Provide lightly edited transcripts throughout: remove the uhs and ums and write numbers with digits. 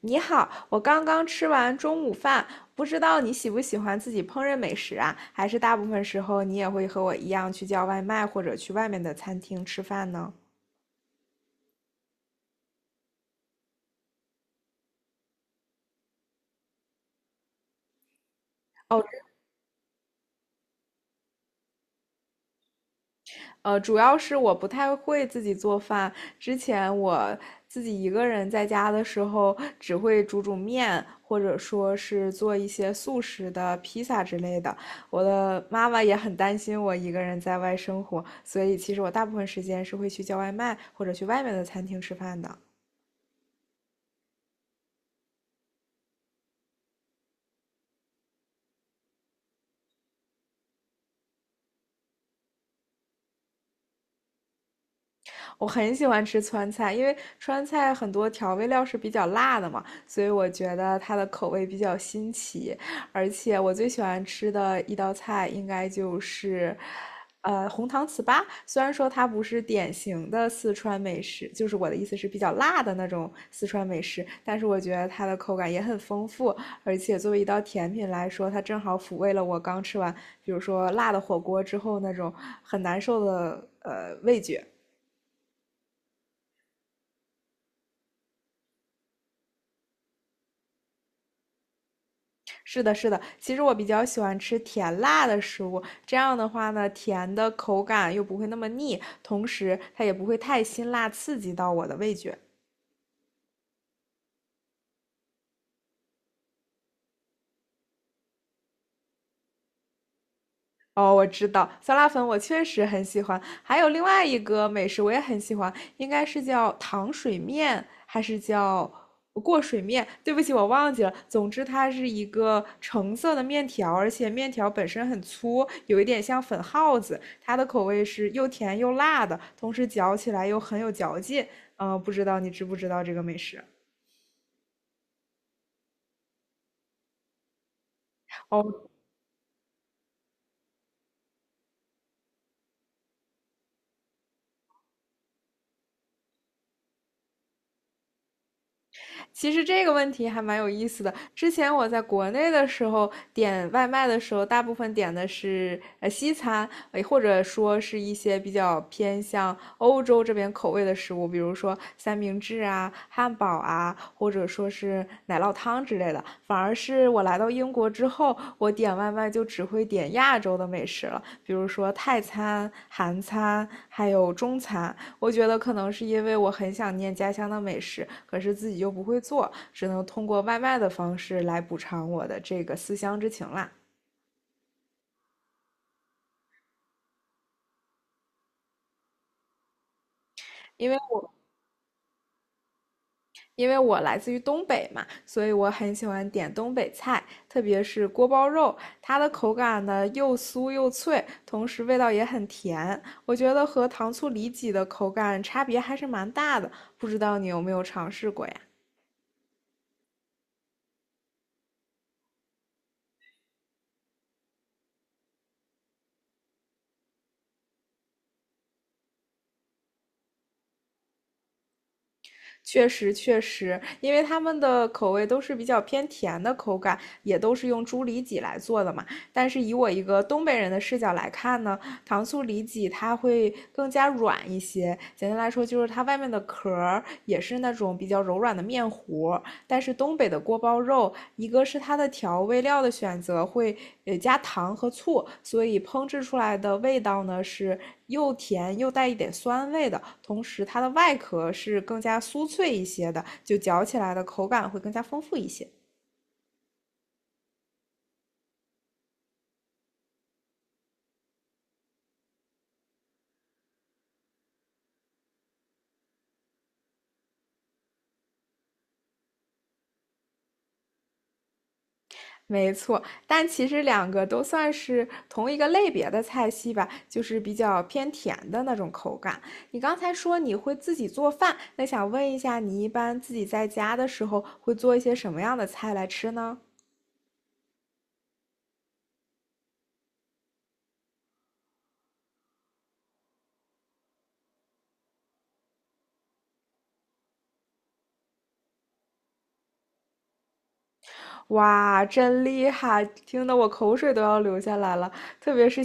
你好，我刚刚吃完中午饭，不知道你喜不喜欢自己烹饪美食啊？还是大部分时候你也会和我一样去叫外卖或者去外面的餐厅吃饭呢？哦，主要是我不太会自己做饭。之前我自己一个人在家的时候，只会煮煮面，或者说是做一些速食的披萨之类的。我的妈妈也很担心我一个人在外生活，所以其实我大部分时间是会去叫外卖或者去外面的餐厅吃饭的。我很喜欢吃川菜，因为川菜很多调味料是比较辣的嘛，所以我觉得它的口味比较新奇。而且我最喜欢吃的一道菜应该就是，红糖糍粑。虽然说它不是典型的四川美食，就是我的意思是比较辣的那种四川美食，但是我觉得它的口感也很丰富，而且作为一道甜品来说，它正好抚慰了我刚吃完，比如说辣的火锅之后那种很难受的味觉。是的，是的。其实我比较喜欢吃甜辣的食物，这样的话呢，甜的口感又不会那么腻，同时它也不会太辛辣刺激到我的味觉。哦，我知道，酸辣粉我确实很喜欢，还有另外一个美食我也很喜欢，应该是叫糖水面，还是叫过水面？对不起，我忘记了。总之，它是一个橙色的面条，而且面条本身很粗，有一点像粉耗子。它的口味是又甜又辣的，同时嚼起来又很有嚼劲。嗯、不知道你知不知道这个美食？哦。其实这个问题还蛮有意思的。之前我在国内的时候点外卖的时候，大部分点的是西餐，或者说是一些比较偏向欧洲这边口味的食物，比如说三明治啊、汉堡啊，或者说是奶酪汤之类的。反而是我来到英国之后，我点外卖就只会点亚洲的美食了，比如说泰餐、韩餐，还有中餐。我觉得可能是因为我很想念家乡的美食，可是自己又不会做，只能通过外卖的方式来补偿我的这个思乡之情啦。因为我因为我来自于东北嘛，所以我很喜欢点东北菜，特别是锅包肉，它的口感呢又酥又脆，同时味道也很甜。我觉得和糖醋里脊的口感差别还是蛮大的，不知道你有没有尝试过呀？确实确实，因为他们的口味都是比较偏甜的口感，也都是用猪里脊来做的嘛。但是以我一个东北人的视角来看呢，糖醋里脊它会更加软一些。简单来说，就是它外面的壳儿也是那种比较柔软的面糊，但是东北的锅包肉，一个是它的调味料的选择会加糖和醋，所以烹制出来的味道呢是又甜又带一点酸味的，同时它的外壳是更加酥脆一些的，就嚼起来的口感会更加丰富一些。没错，但其实两个都算是同一个类别的菜系吧，就是比较偏甜的那种口感。你刚才说你会自己做饭，那想问一下，你一般自己在家的时候会做一些什么样的菜来吃呢？哇，真厉害，听得我口水都要流下来了。特别是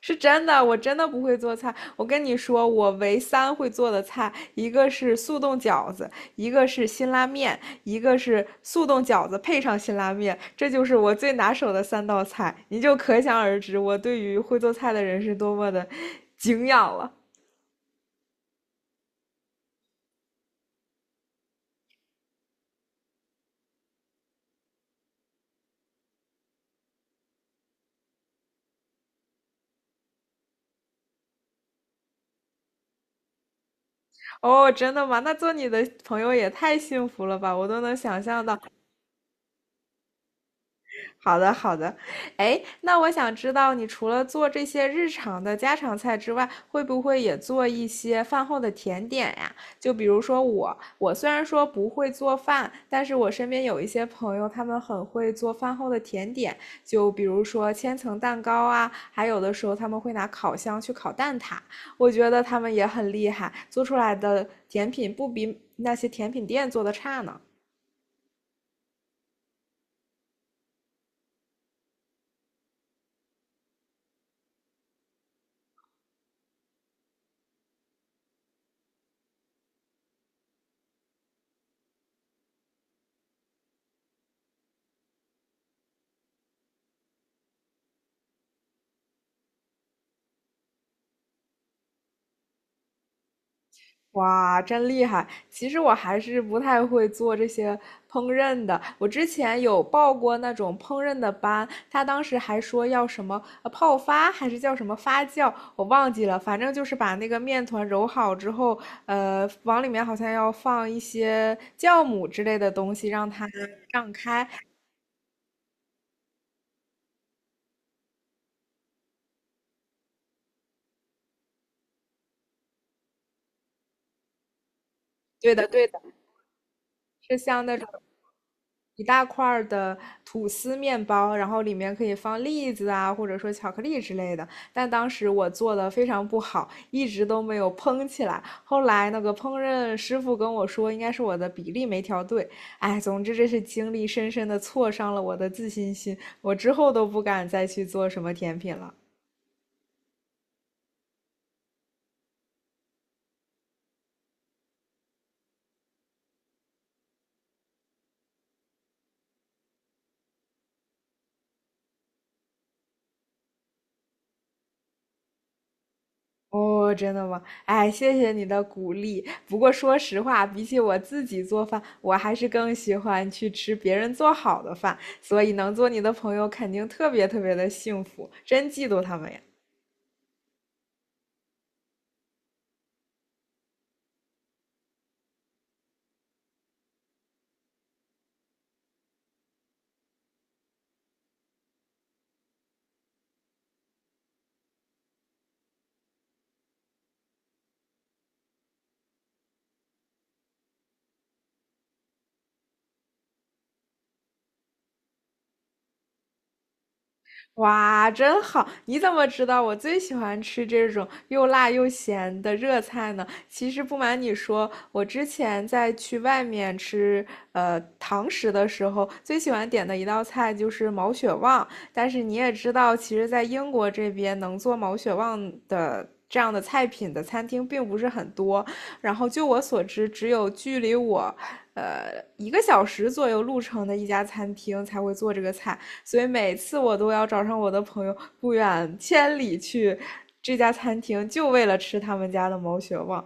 是真的，我真的不会做菜。我跟你说，我唯三会做的菜，一个是速冻饺子，一个是辛拉面，一个是速冻饺子配上辛拉面，这就是我最拿手的三道菜。你就可想而知，我对于会做菜的人是多么的敬仰了。哦，真的吗？那做你的朋友也太幸福了吧！我都能想象到好的，好的。哎，那我想知道，你除了做这些日常的家常菜之外，会不会也做一些饭后的甜点呀？就比如说我，我虽然说不会做饭，但是我身边有一些朋友，他们很会做饭后的甜点，就比如说千层蛋糕啊，还有的时候他们会拿烤箱去烤蛋挞，我觉得他们也很厉害，做出来的甜品不比那些甜品店做的差呢。哇，真厉害！其实我还是不太会做这些烹饪的。我之前有报过那种烹饪的班，他当时还说要什么泡发，还是叫什么发酵，我忘记了。反正就是把那个面团揉好之后，往里面好像要放一些酵母之类的东西，让它胀开。对的，对的，是像那种一大块儿的吐司面包，然后里面可以放栗子啊，或者说巧克力之类的。但当时我做的非常不好，一直都没有蓬起来。后来那个烹饪师傅跟我说，应该是我的比例没调对。哎，总之这是经历深深的挫伤了我的自信心，我之后都不敢再去做什么甜品了。哦，真的吗？哎，谢谢你的鼓励。不过说实话，比起我自己做饭，我还是更喜欢去吃别人做好的饭。所以能做你的朋友，肯定特别特别的幸福，真嫉妒他们呀！哇，真好！你怎么知道我最喜欢吃这种又辣又咸的热菜呢？其实不瞒你说，我之前在去外面吃堂食的时候，最喜欢点的一道菜就是毛血旺。但是你也知道，其实，在英国这边能做毛血旺的这样的菜品的餐厅并不是很多。然后，就我所知，只有距离我，一个小时左右路程的一家餐厅才会做这个菜。所以每次我都要找上我的朋友，不远千里去这家餐厅，就为了吃他们家的毛血旺。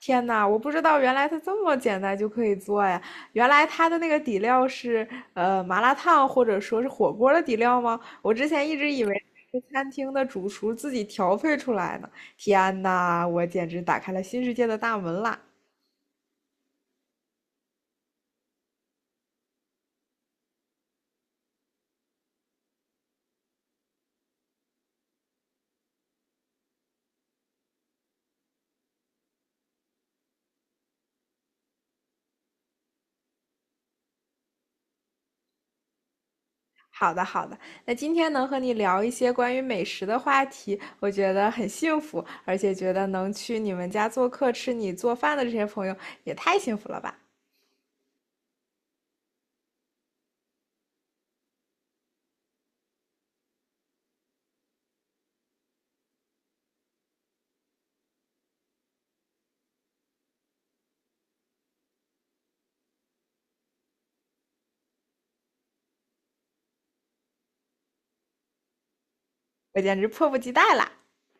天呐，我不知道原来它这么简单就可以做呀！原来它的那个底料是麻辣烫或者说是火锅的底料吗？我之前一直以为是餐厅的主厨自己调配出来的。天呐，我简直打开了新世界的大门啦！好的，好的，那今天能和你聊一些关于美食的话题，我觉得很幸福，而且觉得能去你们家做客吃你做饭的这些朋友也太幸福了吧！我简直迫不及待啦！